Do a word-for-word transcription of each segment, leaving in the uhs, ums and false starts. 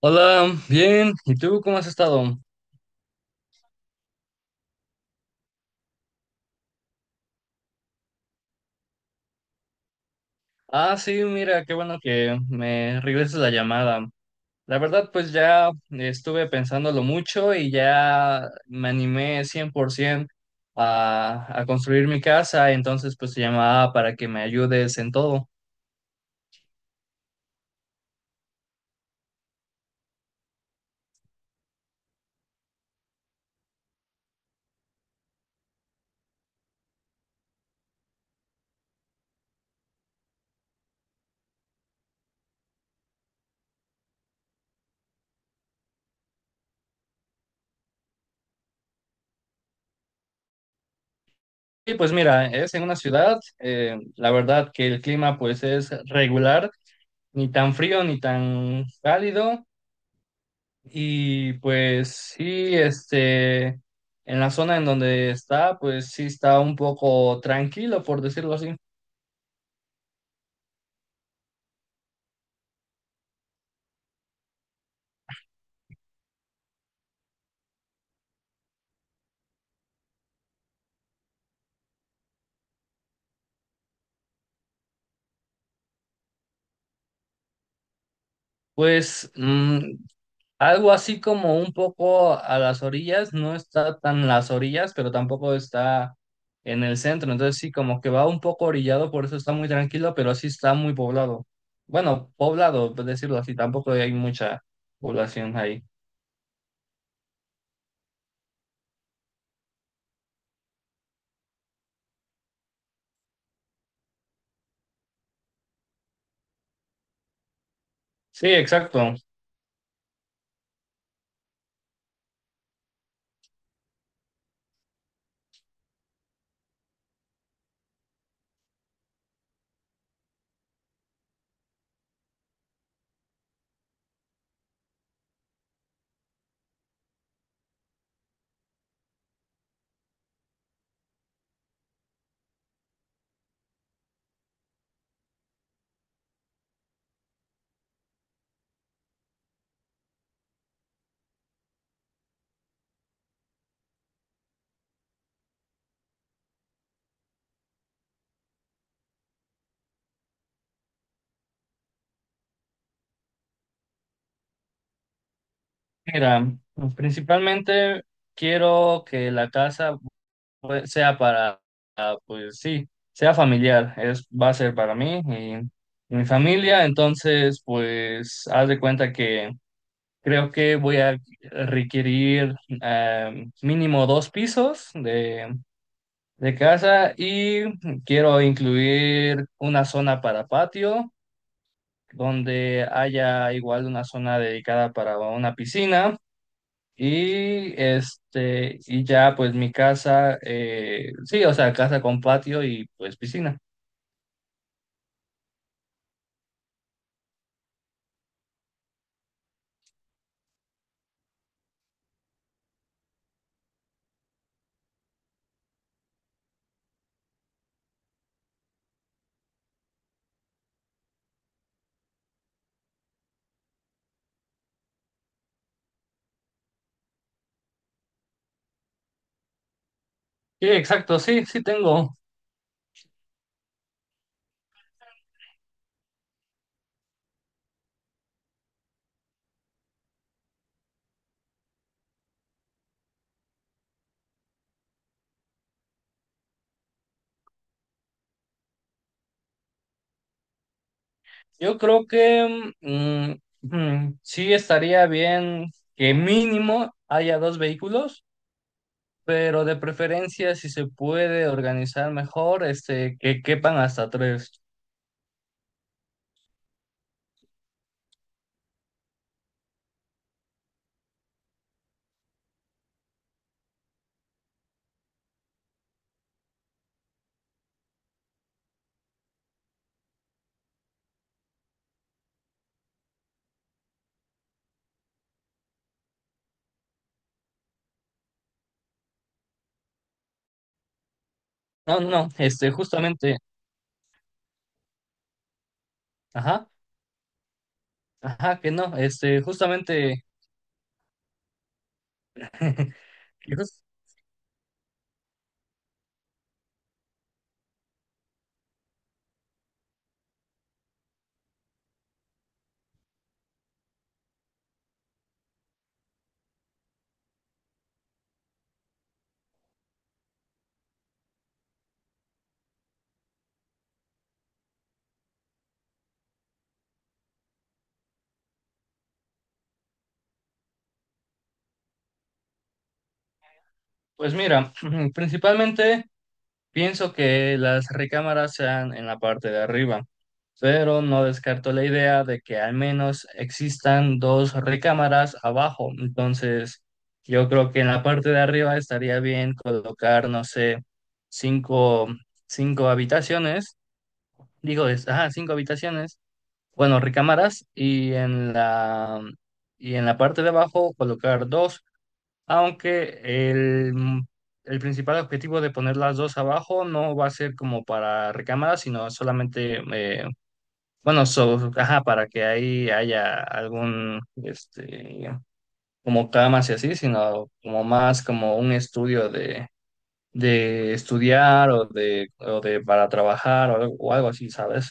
Hola, bien. ¿Y tú cómo has estado? Ah, sí, mira, qué bueno que me regreses la llamada. La verdad, pues ya estuve pensándolo mucho y ya me animé cien por ciento a, a construir mi casa, entonces pues te llamaba para que me ayudes en todo. Y pues mira, es en una ciudad, eh, la verdad que el clima pues es regular, ni tan frío ni tan cálido. Y pues sí, este, en la zona en donde está, pues sí está un poco tranquilo, por decirlo así. Pues mm, Algo así como un poco a las orillas, no está tan las orillas, pero tampoco está en el centro. Entonces sí, como que va un poco orillado, por eso está muy tranquilo, pero sí está muy poblado. Bueno, poblado, por decirlo así, tampoco hay mucha población ahí. Sí, exacto. Mira, pues, principalmente quiero que la casa pues, sea para, ah, pues sí, sea familiar, es, va a ser para mí y mi familia, entonces pues haz de cuenta que creo que voy a requerir eh, mínimo dos pisos de, de casa y quiero incluir una zona para patio, donde haya igual una zona dedicada para una piscina y este, y ya pues mi casa, eh, sí, o sea, casa con patio y pues piscina. Sí, exacto, sí, sí tengo. Yo creo que mm, mm, sí estaría bien que mínimo haya dos vehículos, pero de preferencia si se puede organizar mejor, este, que quepan hasta tres. No, no, no, este, justamente, ajá, ajá, que no, este, justamente, que jus- pues mira, principalmente pienso que las recámaras sean en la parte de arriba, pero no descarto la idea de que al menos existan dos recámaras abajo. Entonces, yo creo que en la parte de arriba estaría bien colocar, no sé, cinco, cinco habitaciones, digo, es- ajá, cinco habitaciones, bueno, recámaras, y en la, y en la parte de abajo colocar dos. Aunque el, mm, el principal objetivo de poner las dos abajo no va a ser como para recámara, sino solamente, eh, bueno, so- ajá, para que ahí haya algún, este, como camas y así, sino como más como un estudio de, de estudiar o de, o de para trabajar o, algo o algo así, ¿sabes?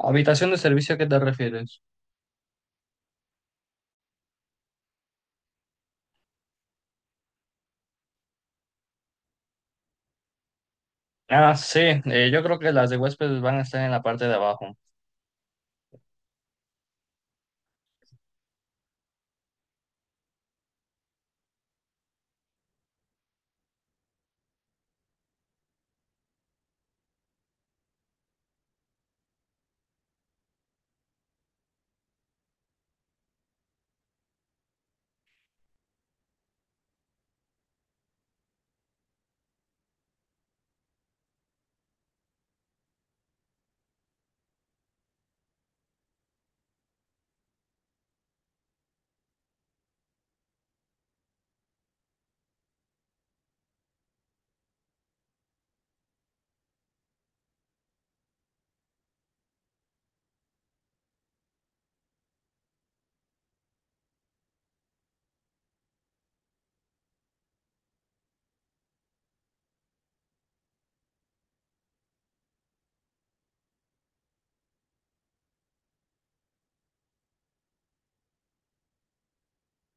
¿Habitación de servicio, a qué te refieres? Ah, sí, eh, yo creo que las de huéspedes van a estar en la parte de abajo.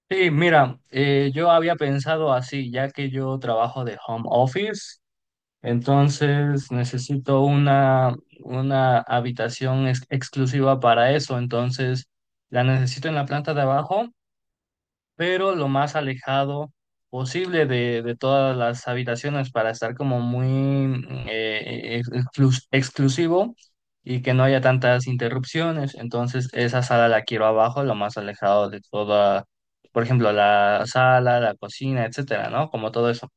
Sí, mira, eh, yo había pensado así, ya que yo trabajo de home office, entonces necesito una, una habitación ex- exclusiva para eso, entonces la necesito en la planta de abajo pero lo más alejado posible de, de todas las habitaciones para estar como muy mm, eh, ex- exclus- exclusivo y que no haya tantas interrupciones. Entonces, esa sala la quiero abajo, lo más alejado de toda, por ejemplo, la sala, la cocina, etcétera, ¿no? Como todo eso.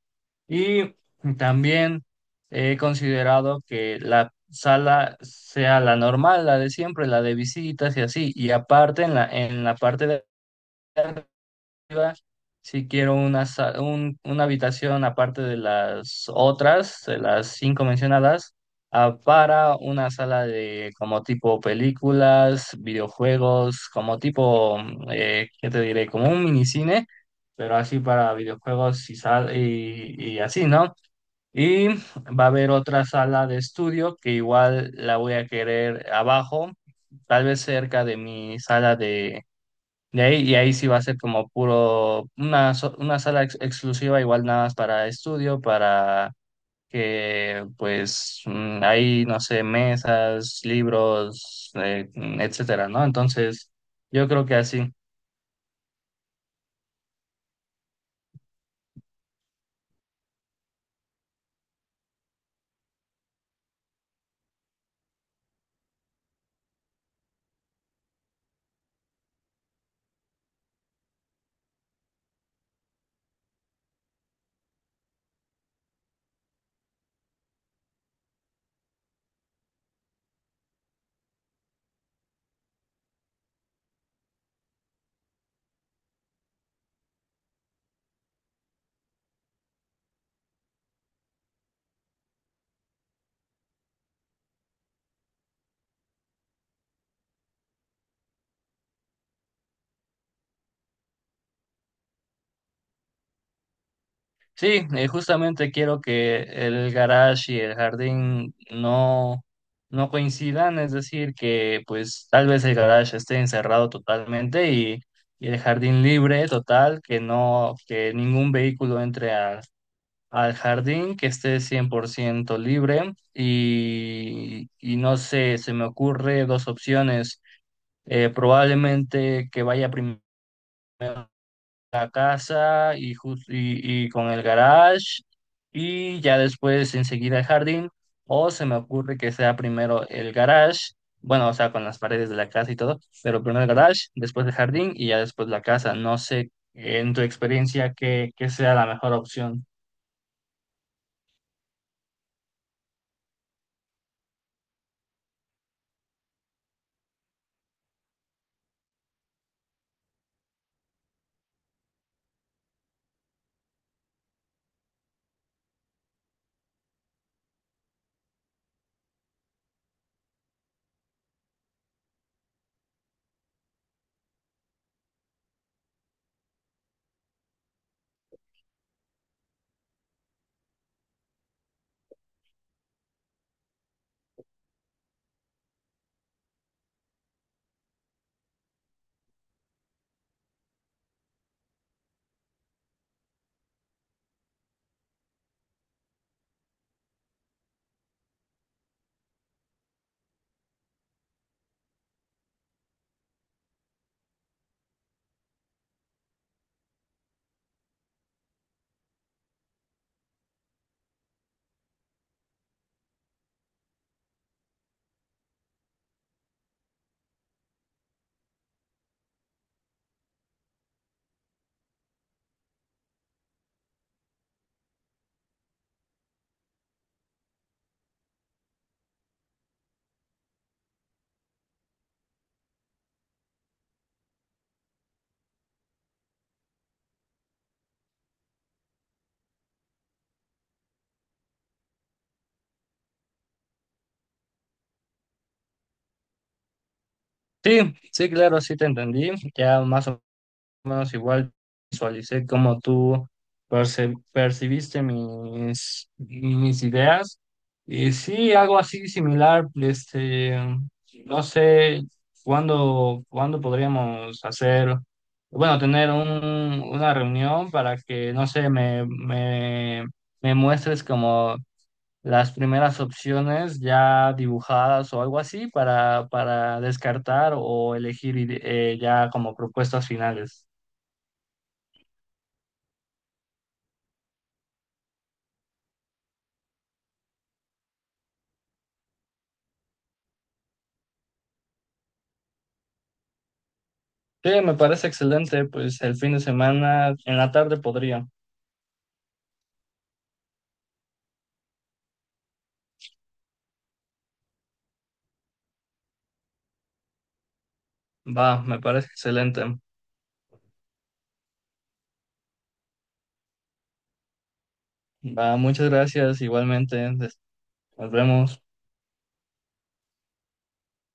Y también he considerado que la sala sea la normal, la de siempre, la de visitas y así. Y aparte, en la, en la parte de si quiero una, sa- un- una habitación aparte de las otras, de las cinco mencionadas, ah, para una sala de como tipo películas, videojuegos, como tipo, mm, eh, ¿qué te diré? Como un minicine, pero así para videojuegos y, sal y, y así, ¿no? Y va a haber otra sala de estudio que igual la voy a querer abajo, tal vez cerca de mi sala y ahí, y ahí sí va a ser como puro, una, so- una sala ex- exclusiva, igual nada más para estudio, para que pues mm, ahí, no sé, mesas, libros, eh, mm, etcétera, ¿no? Entonces, yo creo que así. Sí, eh, justamente quiero que el garage y el jardín no, no coincidan, es decir, que pues tal vez el garage esté encerrado totalmente y y el jardín libre total, que no, que ningún vehículo entre a al jardín, que esté cien por ciento libre y, y no sé, se me ocurre dos opciones. Eh, probablemente que vaya primero a la casa y, jus- y, y con el garage y ya después enseguida el jardín. O se me ocurre que sea primero el garage, bueno, o sea, con las paredes de la casa y todo, pero primero el garage, después el jardín y ya después la casa. No sé, en tu experiencia, qué, qué sea la mejor opción. Sí, sí, claro, sí te entendí. Ya más o menos igual visualicé cómo tú perci- percibiste mis, mis ideas. Y sí, algo así similar, este, no sé cuándo, cuándo podríamos hacer, bueno, tener un, una reunión para que, no sé, me, me, me muestres como las primeras opciones ya dibujadas o algo así para, para descartar o elegir ide- eh, ya como propuestas finales. Sí, me parece excelente, pues el fin de semana en la tarde podría. Va, me parece excelente. Va, muchas gracias igualmente. des- Nos vemos.